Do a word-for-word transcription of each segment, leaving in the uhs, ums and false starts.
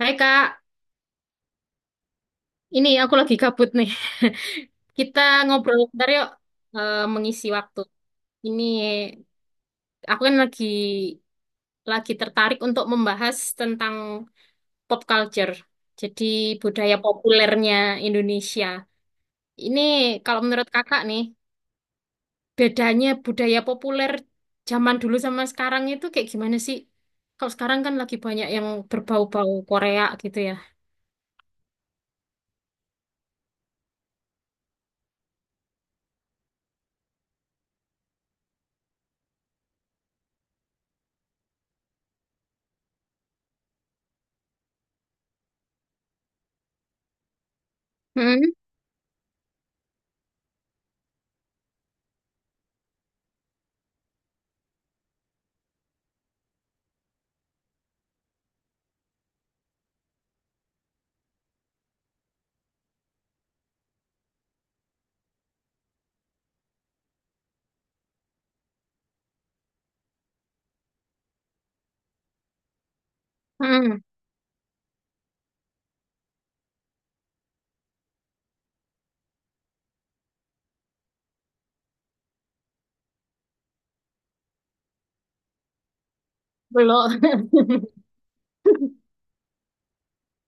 Hai Kak, ini aku lagi kabut nih. Kita ngobrol bentar yuk, eh, mengisi waktu. Ini aku kan lagi lagi tertarik untuk membahas tentang pop culture. Jadi budaya populernya Indonesia. Ini kalau menurut Kakak nih, bedanya budaya populer zaman dulu sama sekarang itu kayak gimana sih? Kalau sekarang kan lagi banyak yang berbau-bau Korea gitu ya. Hmm, hmm, belum.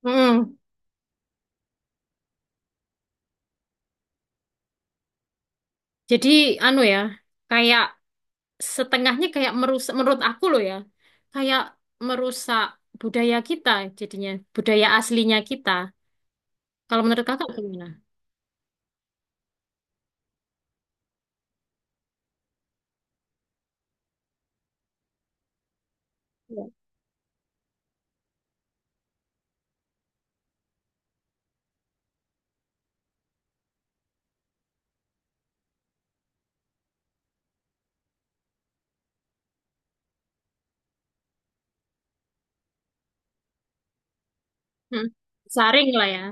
Jadi anu ya, kayak setengahnya kayak merusak menurut aku loh ya. Kayak merusak budaya kita jadinya, budaya aslinya kita. Kalau menurut Kakak gimana? Iya. Hmm. Saring lah ya,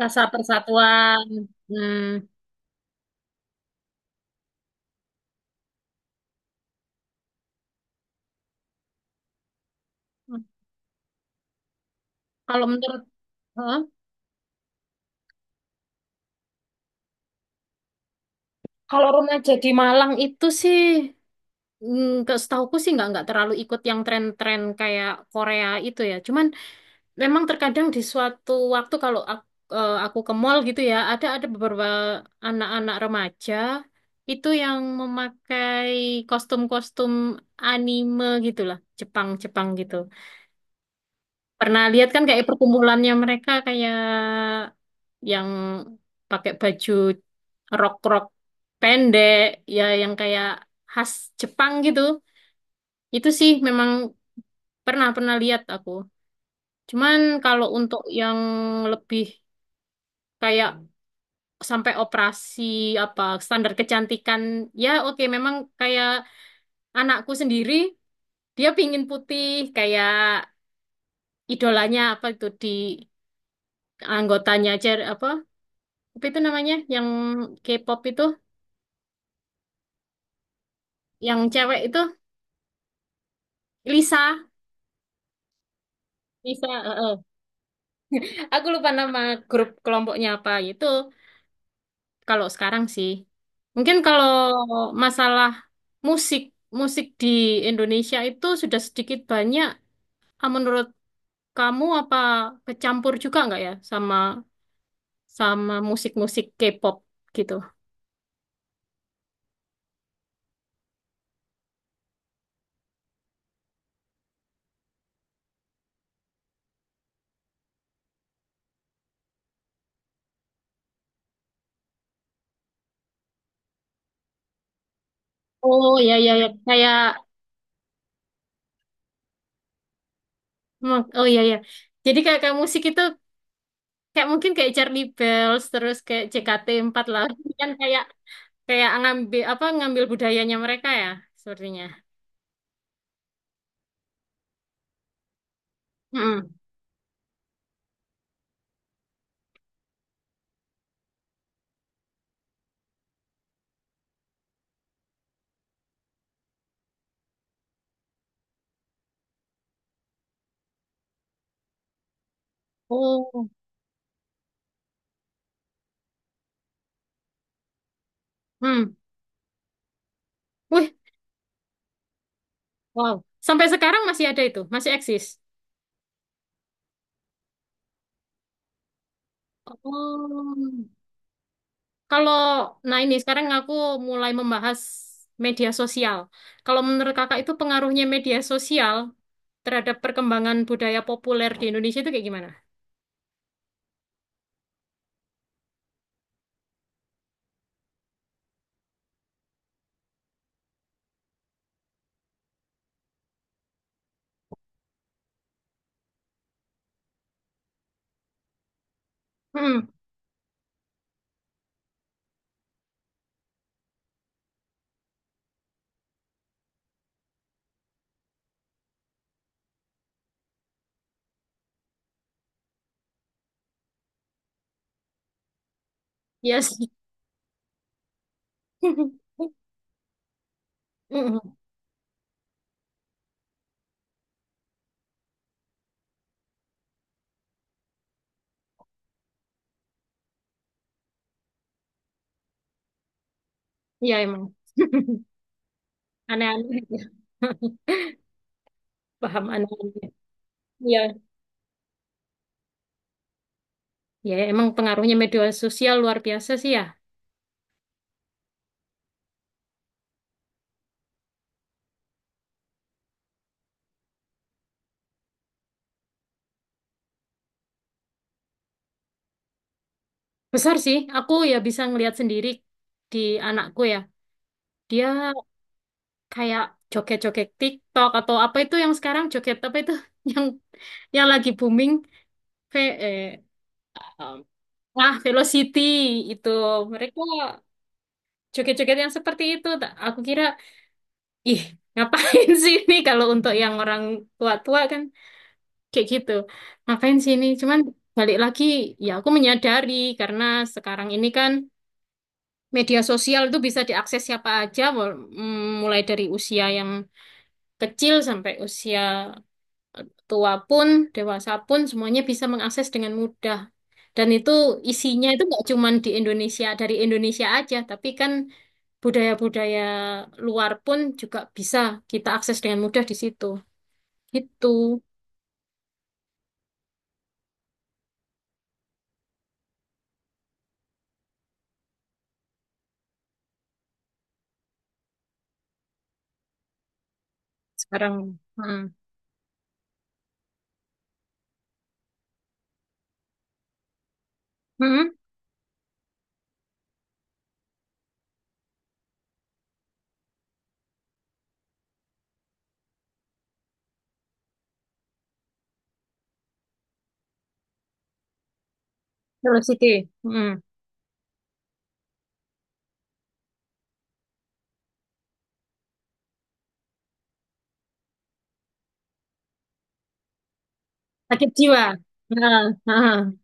rasa persatuan. Hmm. Kalau menurut Hah? Kalau remaja di Malang itu sih nggak setahuku sih nggak nggak terlalu ikut yang tren-tren kayak Korea itu ya. Cuman memang terkadang di suatu waktu kalau aku, aku ke mall gitu ya, ada ada beberapa anak-anak remaja itu yang memakai kostum-kostum anime gitulah, Jepang-Jepang gitu. Pernah lihat kan kayak perkumpulannya mereka kayak yang pakai baju rok-rok pendek ya yang kayak khas Jepang gitu. Itu sih memang pernah pernah lihat aku. Cuman kalau untuk yang lebih kayak sampai operasi apa standar kecantikan ya oke memang kayak anakku sendiri dia pingin putih kayak idolanya apa itu di anggotanya aja apa apa itu namanya yang K-pop itu yang cewek itu Lisa. Lisa heeh. Aku lupa nama grup kelompoknya apa gitu. Kalau sekarang sih mungkin kalau masalah musik musik di Indonesia itu sudah sedikit banyak ah, menurut Kamu apa kecampur juga nggak ya sama sama musik-musik K-pop gitu? Oh ya ya ya kayak hmm, oh ya ya. Jadi kayak kayak musik itu kayak mungkin kayak Charlie Bells terus kayak jkt Empat lah kan kayak kayak ngambil apa ngambil budayanya mereka ya sepertinya. Mm-mm. Oh. Hmm. Wih, wow. Sampai sekarang masih ada itu, masih eksis. Oh. Kalau, nah ini sekarang aku mulai membahas media sosial. Kalau menurut kakak itu pengaruhnya media sosial terhadap perkembangan budaya populer di Indonesia itu kayak gimana? Hmm, iya sih. Mm-mm. Iya emang. Aneh-aneh. Paham aneh-aneh. Iya. Ya emang pengaruhnya media sosial luar biasa sih ya. Besar sih. Aku ya bisa ngelihat sendiri di anakku ya. Dia kayak joget-joget TikTok atau apa itu yang sekarang joget apa itu yang yang lagi booming ve eh, um, ah Velocity itu mereka joget-joget yang seperti itu tak aku kira ih ngapain sih ini kalau untuk yang orang tua-tua kan kayak gitu ngapain sih ini cuman balik lagi ya aku menyadari karena sekarang ini kan media sosial itu bisa diakses siapa aja wal- mm, mulai dari usia yang kecil sampai usia tua pun, dewasa pun semuanya bisa mengakses dengan mudah. Dan itu isinya itu nggak cuma di Indonesia, dari Indonesia aja, tapi kan budaya-budaya luar pun juga bisa kita akses dengan mudah di situ. Itu. Sekarang, hmm. Hmm. Velocity. Hmm. Sakit jiwa. Nah, nah.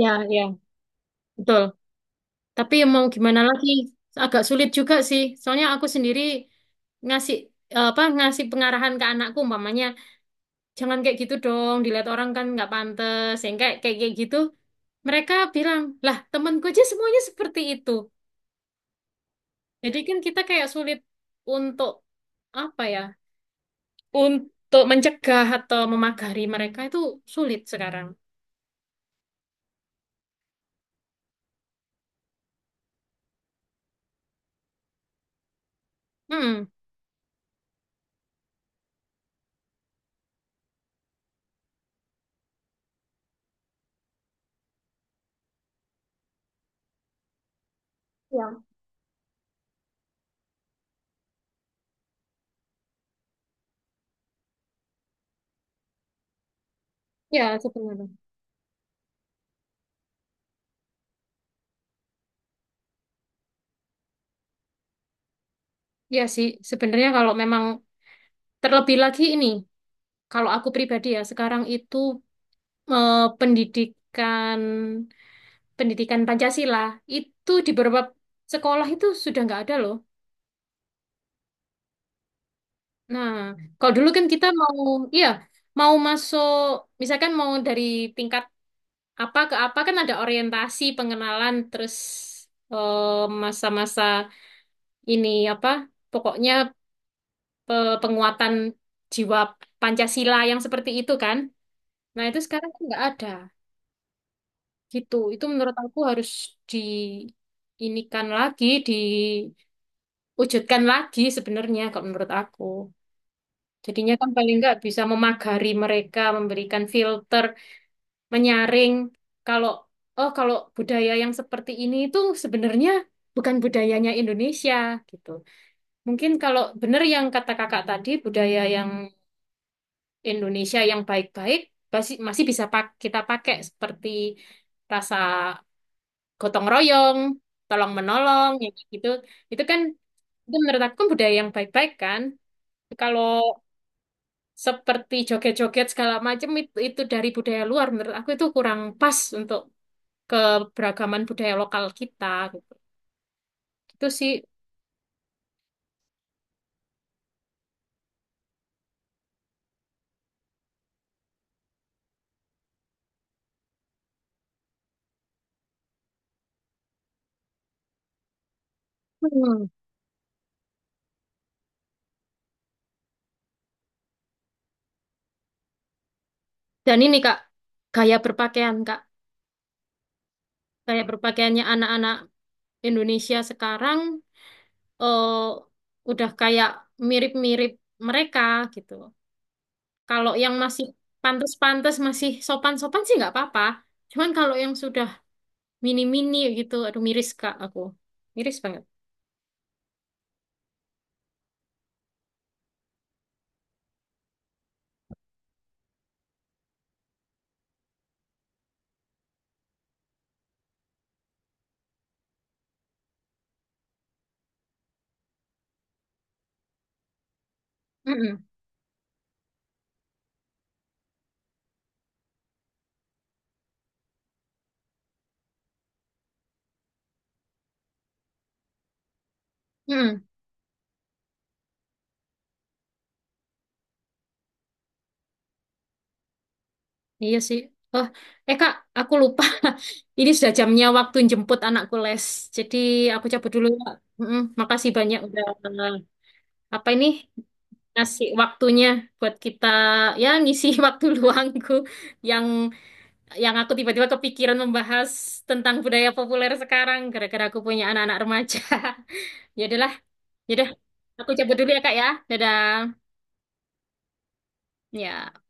Ya, ya, betul. Tapi mau gimana lagi, agak sulit juga sih. Soalnya aku sendiri ngasih eh, apa ngasih pengarahan ke anakku umpamanya jangan kayak gitu dong dilihat orang kan nggak pantas yang kayak kayak kayak gitu mereka bilang lah temanku aja semuanya seperti itu jadi kan kita kayak sulit untuk apa ya untuk mencegah atau memagari mereka itu sulit sekarang hmm. Ya. Ya sebenarnya ya sih sebenarnya kalau memang terlebih lagi ini kalau aku pribadi ya sekarang itu eh, pendidikan pendidikan Pancasila itu di beberapa sekolah itu sudah nggak ada loh. Nah, kalau dulu kan kita mau, iya, mau masuk, misalkan mau dari tingkat apa ke apa kan ada orientasi, pengenalan, terus eh, masa-masa ini apa, pokoknya pe- penguatan jiwa Pancasila yang seperti itu kan. Nah, itu sekarang kan nggak ada. Gitu. Itu menurut aku harus di inikan lagi, diwujudkan lagi sebenarnya kalau menurut aku. Jadinya kan paling nggak bisa memagari mereka, memberikan filter menyaring kalau oh kalau budaya yang seperti ini itu sebenarnya bukan budayanya Indonesia gitu. Mungkin kalau benar yang kata kakak tadi budaya yang Indonesia yang baik-baik masih masih bisa pak- kita pakai seperti rasa gotong royong, tolong menolong yang kayak gitu. Itu kan itu menurut aku kan budaya yang baik-baik kan. Kalau seperti joget-joget segala macam itu, itu dari budaya luar menurut aku itu kurang pas untuk keberagaman budaya lokal kita gitu. Itu sih. Hmm. Dan ini Kak, gaya berpakaian Kak, gaya berpakaiannya anak-anak Indonesia sekarang eh, udah kayak mirip-mirip mereka gitu. Kalau yang masih pantas-pantas, masih sopan-sopan sih nggak apa-apa. Cuman kalau yang sudah mini-mini gitu, aduh miris Kak aku. Miris banget. Mm-mm. Mm-mm. Iya sih. Oh, eh Kak, aku lupa. Ini sudah jamnya waktu jemput anakku les. Jadi aku cabut dulu, Kak. Mm-mm. Makasih banyak udah eh, apa ini ngasih waktunya buat kita ya ngisi waktu luangku yang yang aku tiba-tiba kepikiran membahas tentang budaya populer sekarang gara-gara aku punya anak-anak remaja. Ya udahlah, ya udah. Aku cabut dulu ya, Kak ya. Dadah. Ya.